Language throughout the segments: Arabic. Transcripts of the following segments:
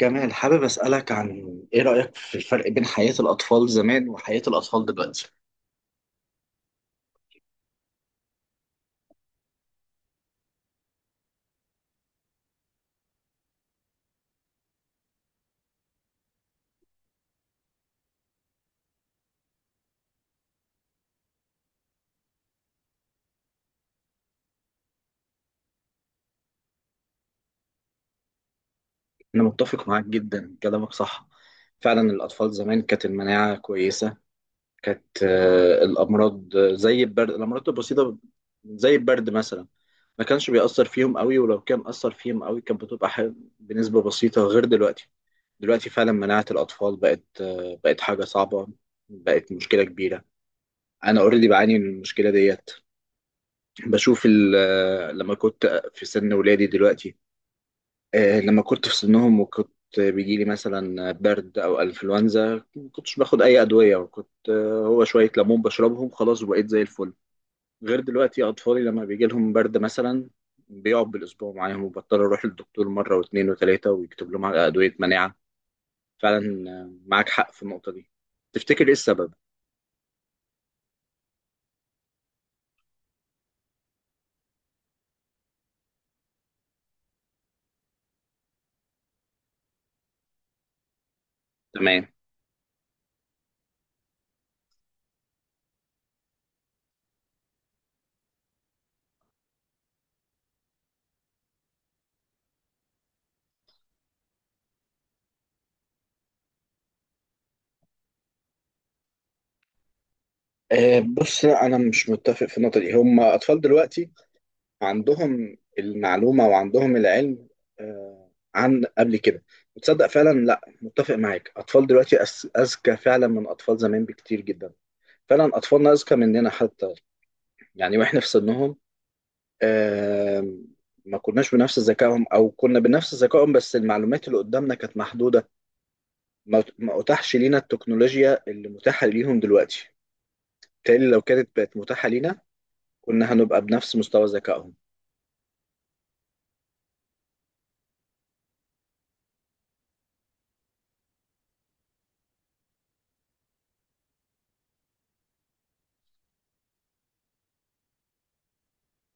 جمال حابب أسألك عن إيه رأيك في الفرق بين حياة الأطفال زمان وحياة الأطفال دلوقتي؟ أنا متفق معاك جدا، كلامك صح. فعلا الأطفال زمان كانت المناعة كويسة. كانت الأمراض، زي البرد، الأمراض البسيطة زي البرد مثلا ما كانش بيأثر فيهم قوي، ولو كان أثر فيهم قوي كانت بتبقى بنسبة بسيطة، غير دلوقتي. دلوقتي فعلا مناعة الأطفال بقت، بقت حاجة صعبة، بقت مشكلة كبيرة. أنا أوريدي بعاني من المشكلة ديت. بشوف لما كنت في سن ولادي دلوقتي، لما كنت في سنهم وكنت بيجيلي مثلا برد او انفلونزا، ما كنتش باخد اي ادويه، وكنت هو شويه ليمون بشربهم خلاص وبقيت زي الفل. غير دلوقتي اطفالي لما بيجي لهم برد مثلا بيقعد بالاسبوع معاهم، وبضطر اروح للدكتور مره واثنين وثلاثه ويكتب لهم على ادويه مناعه. فعلا، معاك حق في النقطه دي. تفتكر ايه السبب؟ تمام. بص، لا، انا مش متفق في النقطه دي. هم اطفال دلوقتي عندهم المعلومة وعندهم العلم، عن قبل كده. وتصدق فعلا، لا، متفق معاك، أطفال دلوقتي أذكى فعلا من أطفال زمان بكتير جدا. فعلا أطفالنا أذكى مننا حتى، يعني وإحنا في سنهم، آه، ما كناش بنفس ذكائهم، أو كنا بنفس ذكائهم بس المعلومات اللي قدامنا كانت محدودة. ما أتاحش لينا التكنولوجيا اللي متاحة ليهم دلوقتي، بالتالي لو كانت بقت متاحة لينا كنا هنبقى بنفس مستوى ذكائهم.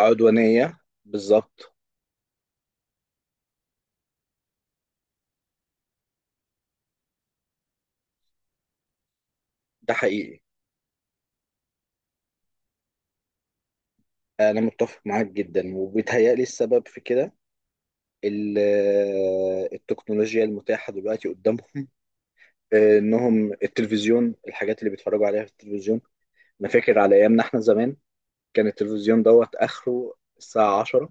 عدوانية، بالظبط. ده حقيقي. أنا متفق معاك جدا، وبيتهيألي السبب في كده التكنولوجيا المتاحة دلوقتي قدامهم، إنهم التلفزيون، الحاجات اللي بيتفرجوا عليها في التلفزيون. أنا فاكر على أيامنا إحنا زمان كان التلفزيون دوت آخره الساعة 10،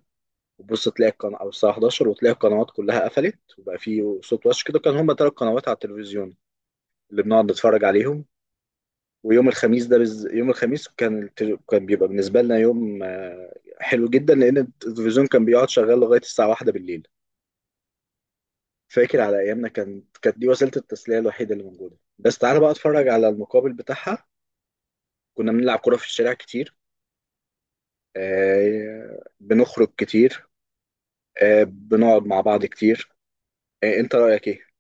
وبص تلاقي القناة أو الساعة 11 وتلاقي القنوات كلها قفلت وبقى فيه صوت وش كده. كان هما تلات قنوات على التلفزيون اللي بنقعد نتفرج عليهم. ويوم الخميس ده يوم الخميس كان كان بيبقى بالنسبة لنا يوم، حلو جدا، لأن التلفزيون كان بيقعد شغال لغاية الساعة واحدة بالليل. فاكر على أيامنا كانت دي وسيلة التسلية الوحيدة اللي موجودة، بس تعالى بقى اتفرج على المقابل بتاعها. كنا بنلعب كورة في الشارع كتير، بنخرج كتير، بنقعد مع بعض كتير. أنت رأيك إيه؟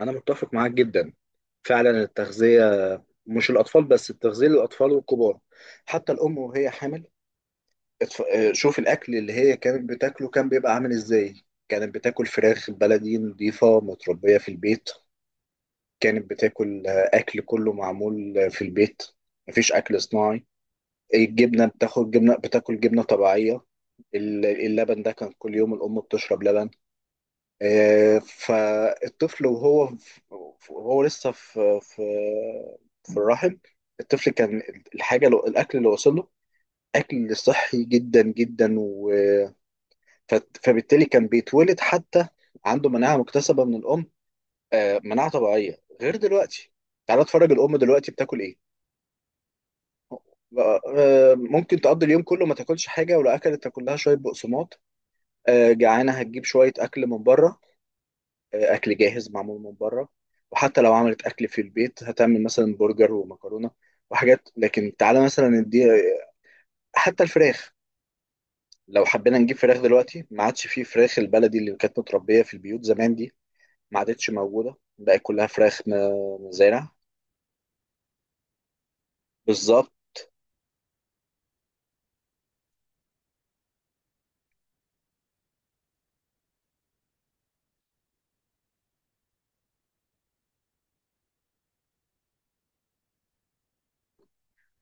أنا متفق معاك جدا. فعلا التغذية، مش الأطفال بس، التغذية للأطفال والكبار، حتى الأم وهي حامل. شوف الاكل اللي هي كانت بتاكله كان بيبقى عامل ازاي. كانت بتاكل فراخ بلدي نظيفه متربيه في البيت. كانت بتاكل، اكل كله معمول، في البيت، مفيش اكل صناعي. الجبنه بتاخد جبنه، بتاكل جبنه طبيعيه. اللبن ده كان كل يوم الام بتشرب لبن. فالطفل وهو وهو لسه في في الرحم، الطفل كان الحاجه، الأكل اللي وصل له اكل صحي جدا جدا. فبالتالي كان بيتولد حتى عنده مناعة مكتسبة من الأم، مناعة طبيعية، غير دلوقتي. تعالى اتفرج الأم دلوقتي بتاكل إيه. ممكن تقضي اليوم كله ما تاكلش حاجة، ولو أكلت تاكل لها شوية بقسماط، جعانة هتجيب شوية أكل من بره، أكل جاهز معمول من بره. وحتى لو عملت أكل في البيت هتعمل مثلا برجر ومكرونة وحاجات، لكن تعالى مثلا ندي حتى الفراخ. لو حبينا نجيب فراخ دلوقتي، ما عادش فيه فراخ البلدي اللي كانت متربية في البيوت زمان دي، ما عادتش موجوده، بقت كلها فراخ مزارع. بالظبط.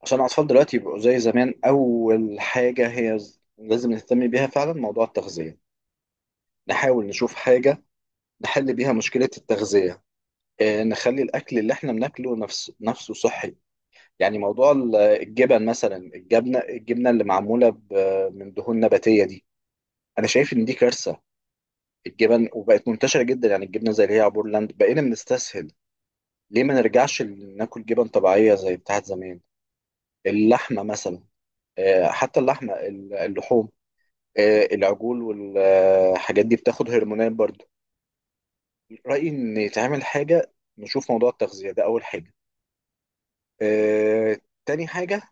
عشان الاطفال دلوقتي يبقوا زي زمان، اول حاجه هي لازم نهتم بيها فعلا، موضوع التغذيه. نحاول نشوف حاجه نحل بيها مشكله التغذيه، نخلي الاكل اللي احنا بناكله نفسه صحي. يعني موضوع الجبن مثلا، الجبنه اللي معموله من دهون نباتيه دي، انا شايف ان دي كارثه، الجبن، وبقت منتشره جدا. يعني الجبنه زي اللي هي عبور لاند، بقينا بنستسهل. ليه ما نرجعش ناكل جبن طبيعيه زي بتاعت زمان؟ اللحمة مثلا، حتى اللحمة، اللحوم، العجول والحاجات دي بتاخد هرمونات برضو. رأيي إن يتعمل حاجة، نشوف موضوع التغذية ده أول حاجة. آه، تاني حاجة،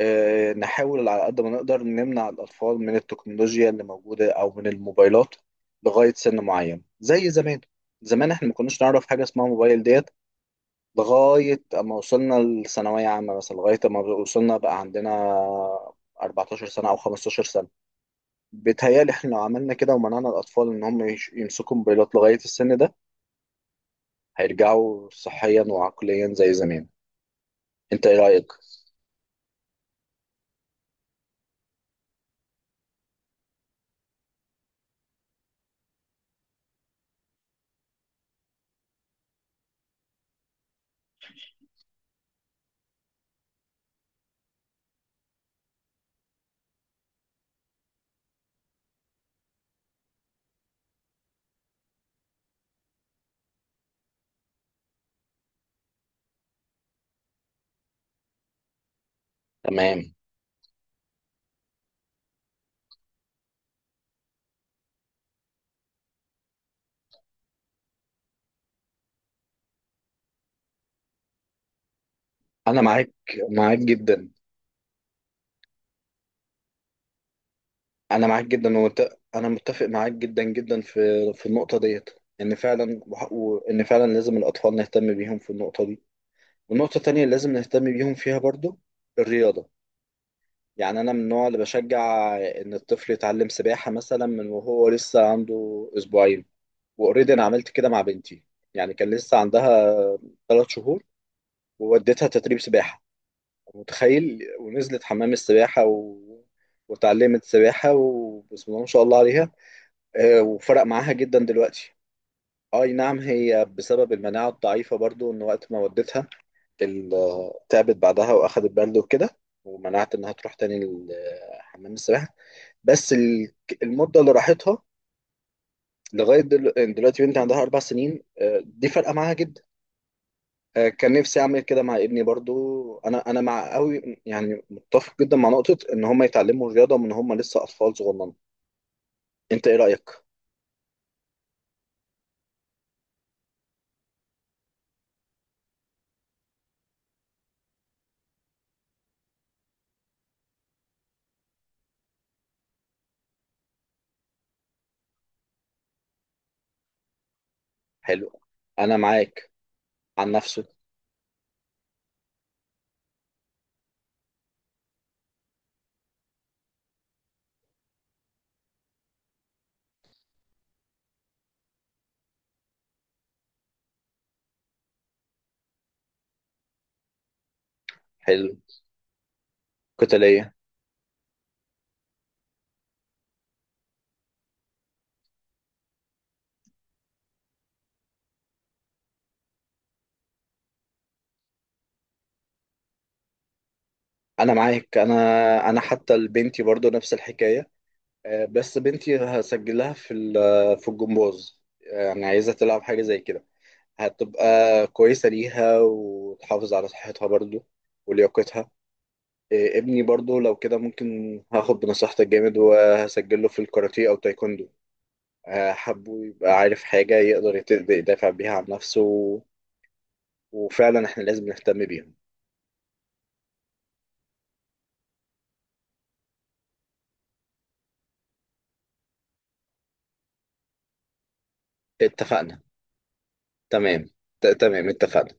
نحاول على قد ما نقدر نمنع الأطفال من التكنولوجيا اللي موجودة أو من الموبايلات لغاية سن معين زي زمان. زمان احنا ما كناش نعرف حاجة اسمها موبايل ديت، لغاية أما وصلنا لثانوية عامة مثلا، لغاية أما وصلنا بقى عندنا 14 سنة أو 15 سنة. بيتهيألي احنا لو عملنا كده ومنعنا الأطفال إن هم يمسكوا موبايلات لغاية السن ده، هيرجعوا صحيا وعقليا زي زمان. أنت إيه رأيك؟ تمام. أنا معاك، معاك جدا. أنا معاك جدا أنا متفق معاك جدا جدا في في النقطة ديت، إن فعلا وإن فعلا لازم الأطفال نهتم بيهم في النقطة دي. والنقطة التانية اللي لازم نهتم بيهم فيها برضو الرياضة. يعني أنا من النوع اللي بشجع إن الطفل يتعلم سباحة مثلا من وهو لسه عنده أسبوعين. واوريدي انا عملت كده مع بنتي. يعني كان لسه عندها ثلاث شهور، ووديتها تدريب سباحه، متخيل، ونزلت حمام السباحه وتعلمت سباحه، وبسم الله ما شاء الله عليها. وفرق معاها جدا دلوقتي. اي نعم، هي بسبب المناعه الضعيفه برضو، ان وقت ما وديتها تعبت بعدها واخدت برد وكده، ومنعت انها تروح تاني حمام السباحه. بس المده اللي راحتها لغايه دلوقتي، بنتي عندها اربع سنين، دي فرقه معاها جدا. كان نفسي اعمل كده مع ابني برضو. انا مع قوي، يعني متفق جدا مع نقطة ان هم يتعلموا الرياضة من هم لسه اطفال صغننه. انت ايه رأيك؟ حلو. انا معاك. عن نفسه. حلو. قتالية. انا معاك، انا انا حتى لبنتي برضو نفس الحكاية. بس بنتي هسجلها في في الجمباز، يعني عايزة تلعب حاجة زي كده، هتبقى كويسة ليها وتحافظ على صحتها برضو ولياقتها. إيه، ابني برضو لو كده ممكن هاخد بنصيحتك جامد وهسجله في الكاراتيه او تايكوندو، حبه يبقى عارف حاجة يقدر يدافع بيها عن نفسه. وفعلا احنا لازم نهتم بيهم. اتفقنا. تمام. تمام، اتفقنا.